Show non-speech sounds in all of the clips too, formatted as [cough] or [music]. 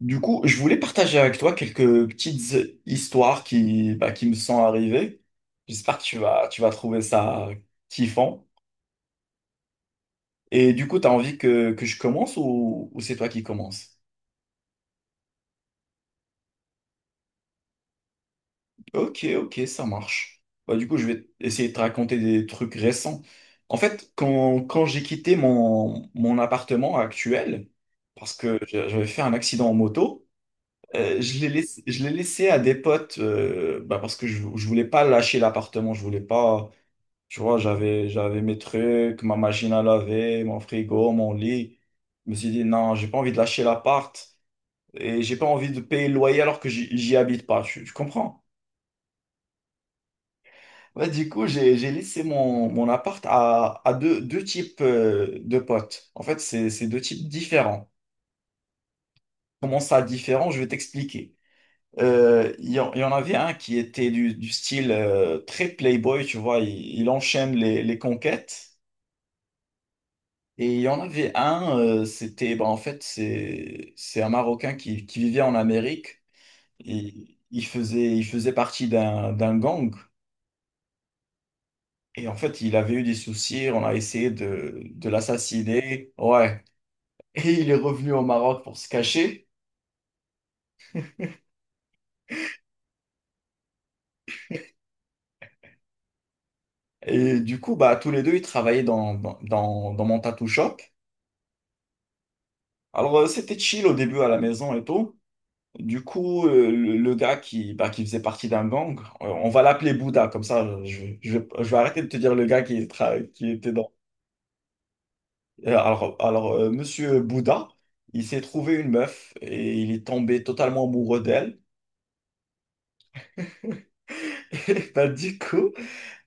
Du coup, je voulais partager avec toi quelques petites histoires qui me sont arrivées. J'espère que tu vas trouver ça kiffant. Et du coup, tu as envie que je commence ou c'est toi qui commences? Ok, ok, ça marche. Bah, du coup, je vais essayer de te raconter des trucs récents. En fait, quand j'ai quitté mon appartement actuel, parce que j'avais fait un accident en moto, je l'ai laissé à des potes bah, parce que je voulais pas lâcher l'appartement, je voulais pas. Tu vois, j'avais mes trucs, ma machine à laver, mon frigo, mon lit. Je me suis dit, non, j'ai pas envie de lâcher l'appart et j'ai pas envie de payer le loyer alors que j'y habite pas. Tu comprends? Ouais, du coup, j'ai laissé mon appart à deux types de potes. En fait, c'est deux types différents. Comment ça différent? Je vais t'expliquer. Il y en avait un qui était du style très playboy, tu vois, il enchaîne les conquêtes. Et il y en avait un, bah, en fait, c'est un Marocain qui vivait en Amérique. Et il faisait partie d'un gang. Et en fait, il avait eu des soucis. On a essayé de l'assassiner. Ouais. [laughs] Et il est revenu au Maroc pour se cacher. Et du coup, bah, tous les deux, ils travaillaient dans mon tattoo shop. Alors, c'était chill au début à la maison et tout. Du coup, le gars qui, bah, qui faisait partie d'un gang, on va l'appeler Bouddha, comme ça, je vais arrêter de te dire le gars qui était dans. Monsieur Bouddha, il s'est trouvé une meuf et il est tombé totalement amoureux d'elle. [laughs] Et bah, du coup,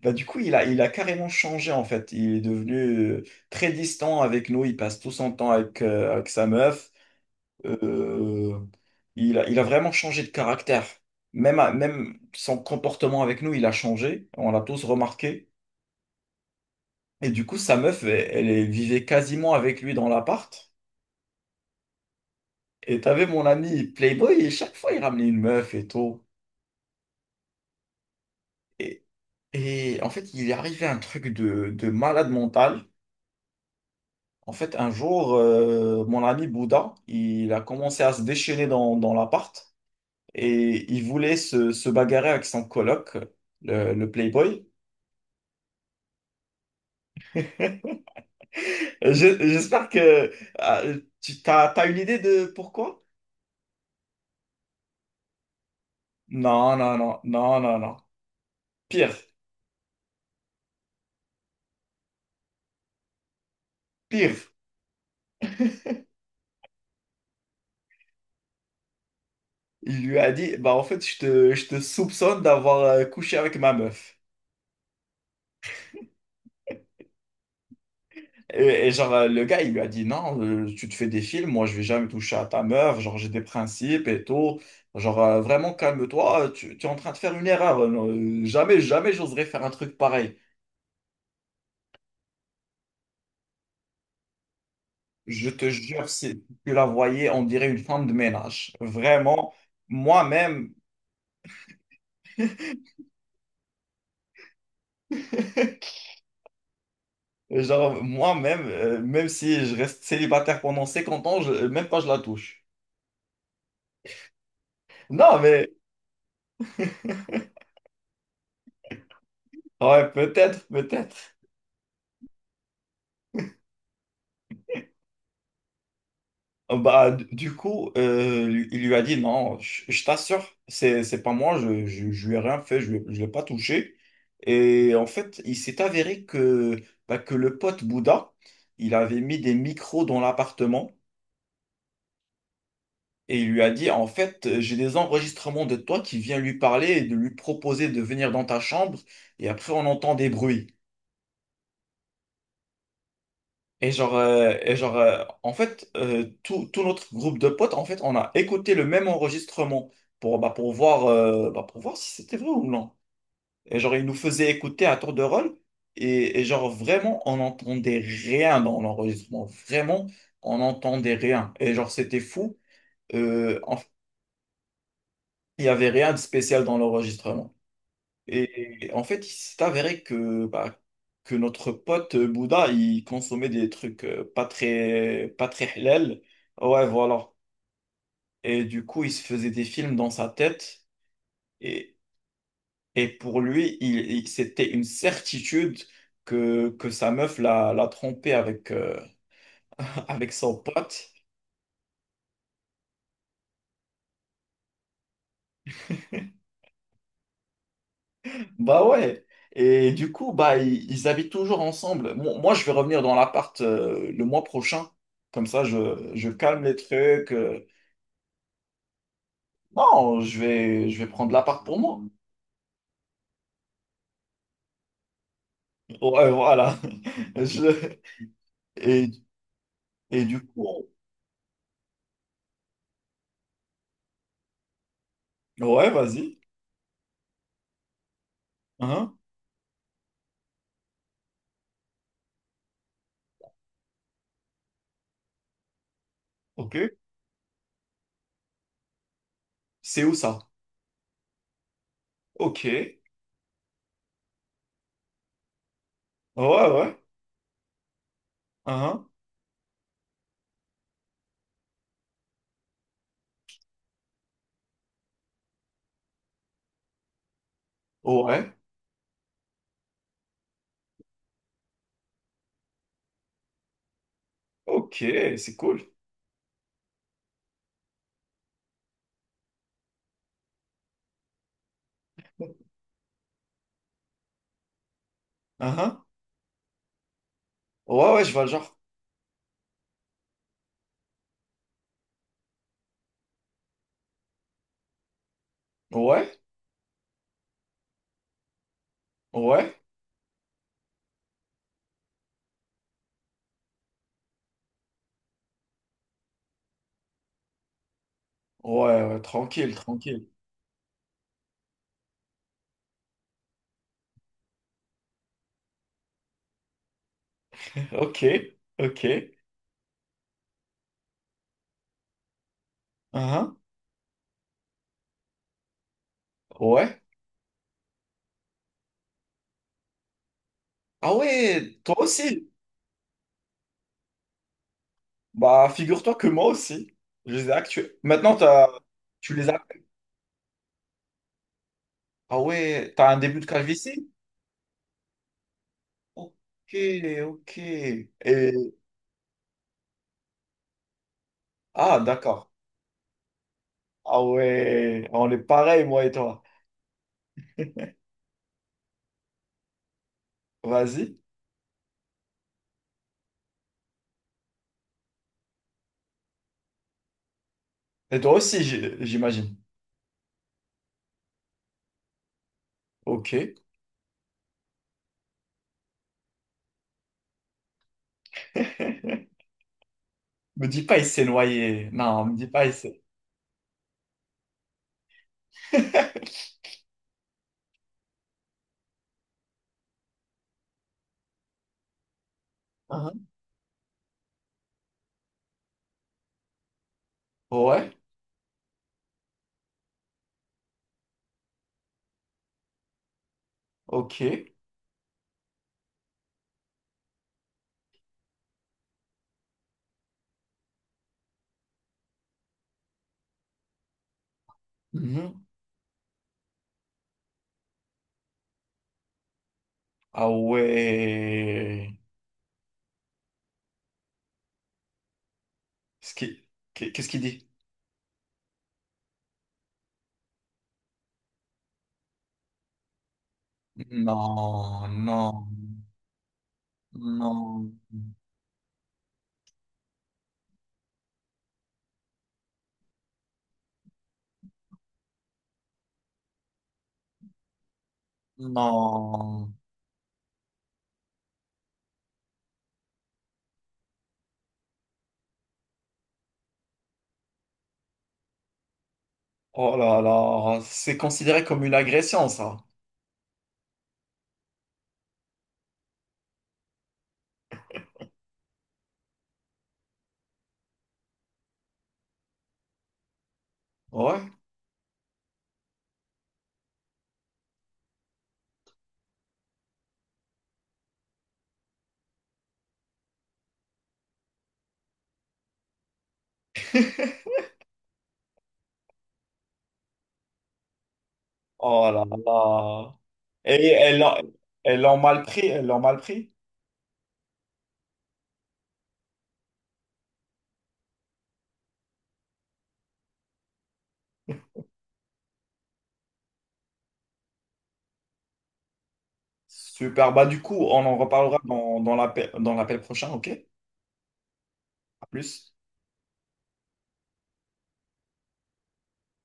bah, du coup, il a carrément changé en fait. Il est devenu euh, très distant avec nous. Il passe tout son temps avec sa meuf. Euh, il a vraiment changé de caractère. Même, même son comportement avec nous, il a changé. On l'a tous remarqué. Et du coup, sa meuf, elle vivait quasiment avec lui dans l'appart. Et t'avais mon ami Playboy, et chaque fois, il ramenait une meuf et tout. Et, et en fait, il est arrivé un truc de malade mental. En fait, un jour, mon ami Bouddha, il a commencé à se déchaîner dans l'appart. Et il voulait se bagarrer avec son coloc, le Playboy. J'espère que ah, t'as une idée de pourquoi? Non, non, non, non, non, non. Pire, pire. Il lui a dit, bah en fait, je te soupçonne d'avoir couché avec ma meuf. Et genre, le gars, il lui a dit, non, tu te fais des films, moi, je vais jamais toucher à ta meuf, genre, j'ai des principes et tout. Genre, vraiment, calme-toi, tu es en train de faire une erreur. Non, jamais, jamais, j'oserais faire un truc pareil. Je te jure, si tu la voyais, on dirait une femme de ménage. Vraiment. Moi-même, moi-même, même si je reste célibataire pendant 50 ans, même pas je la touche. Non, mais ouais, peut-être, peut-être. Bah, du coup, il lui a dit non, je t'assure, c'est pas moi, je lui ai rien fait, lui je l'ai pas touché. Et en fait, il s'est avéré que, bah, que le pote Bouddha, il avait mis des micros dans l'appartement. Et il lui a dit, en fait, j'ai des enregistrements de toi qui vient lui parler et de lui proposer de venir dans ta chambre. Et après, on entend des bruits. Et genre, en fait, tout notre groupe de potes, en fait, on a écouté le même enregistrement pour, bah, pour voir si c'était vrai ou non. Et genre, ils nous faisaient écouter à tour de rôle. Et genre, vraiment, on n'entendait rien dans l'enregistrement. Vraiment, on n'entendait rien. Et genre, c'était fou. En fait, il n'y avait rien de spécial dans l'enregistrement. Et en fait, il s'est avéré que, bah, que notre pote Bouddha, il consommait des trucs pas très halal. Ouais, voilà. Et du coup, il se faisait des films dans sa tête. Et, et pour lui, c'était une certitude que sa meuf l'a trompé [laughs] avec son pote. Bah ouais. Et du coup, bah, ils habitent toujours ensemble. Moi, je vais revenir dans l'appart le mois prochain. Comme ça, je calme les trucs. Non, je vais prendre l'appart pour moi. Ouais, voilà. [laughs] Je- Et, et du coup, ouais, vas-y. Hein, ok. C'est où ça? Ok. Ouais, ouais. Hein, ouais. Ok, c'est cool. Hein, hein. Ouais, ouais, je vois le genre. Ouais, ouais. Ouais, ouais, tranquille, tranquille. Ok, ok. Hein, hein. Ouais. Ah ouais, toi aussi. Bah, figure-toi que moi aussi. Je les ai actués. Maintenant, t'as... tu les as. Ah ouais, t'as un début de calvitie? Ok, ok. Et... Ah, d'accord. Ah ouais, on est pareil, moi et toi. Vas-y. Et toi aussi, j'imagine. Ok. [laughs] Me dis pas, il s'est noyé. Non, me dis pas, il s'est... Hein. [laughs] Ouais, ok. Mhm. Ah ouais. Ce qui- Qu'est-ce qu'il dit? Non, non, non, non. Oh là là, c'est considéré comme une agression, ça. Ouais. Oh là là. Et elles l'ont mal pris. Super. Bah, du coup, on en reparlera dans l'appel prochain, ok? À plus.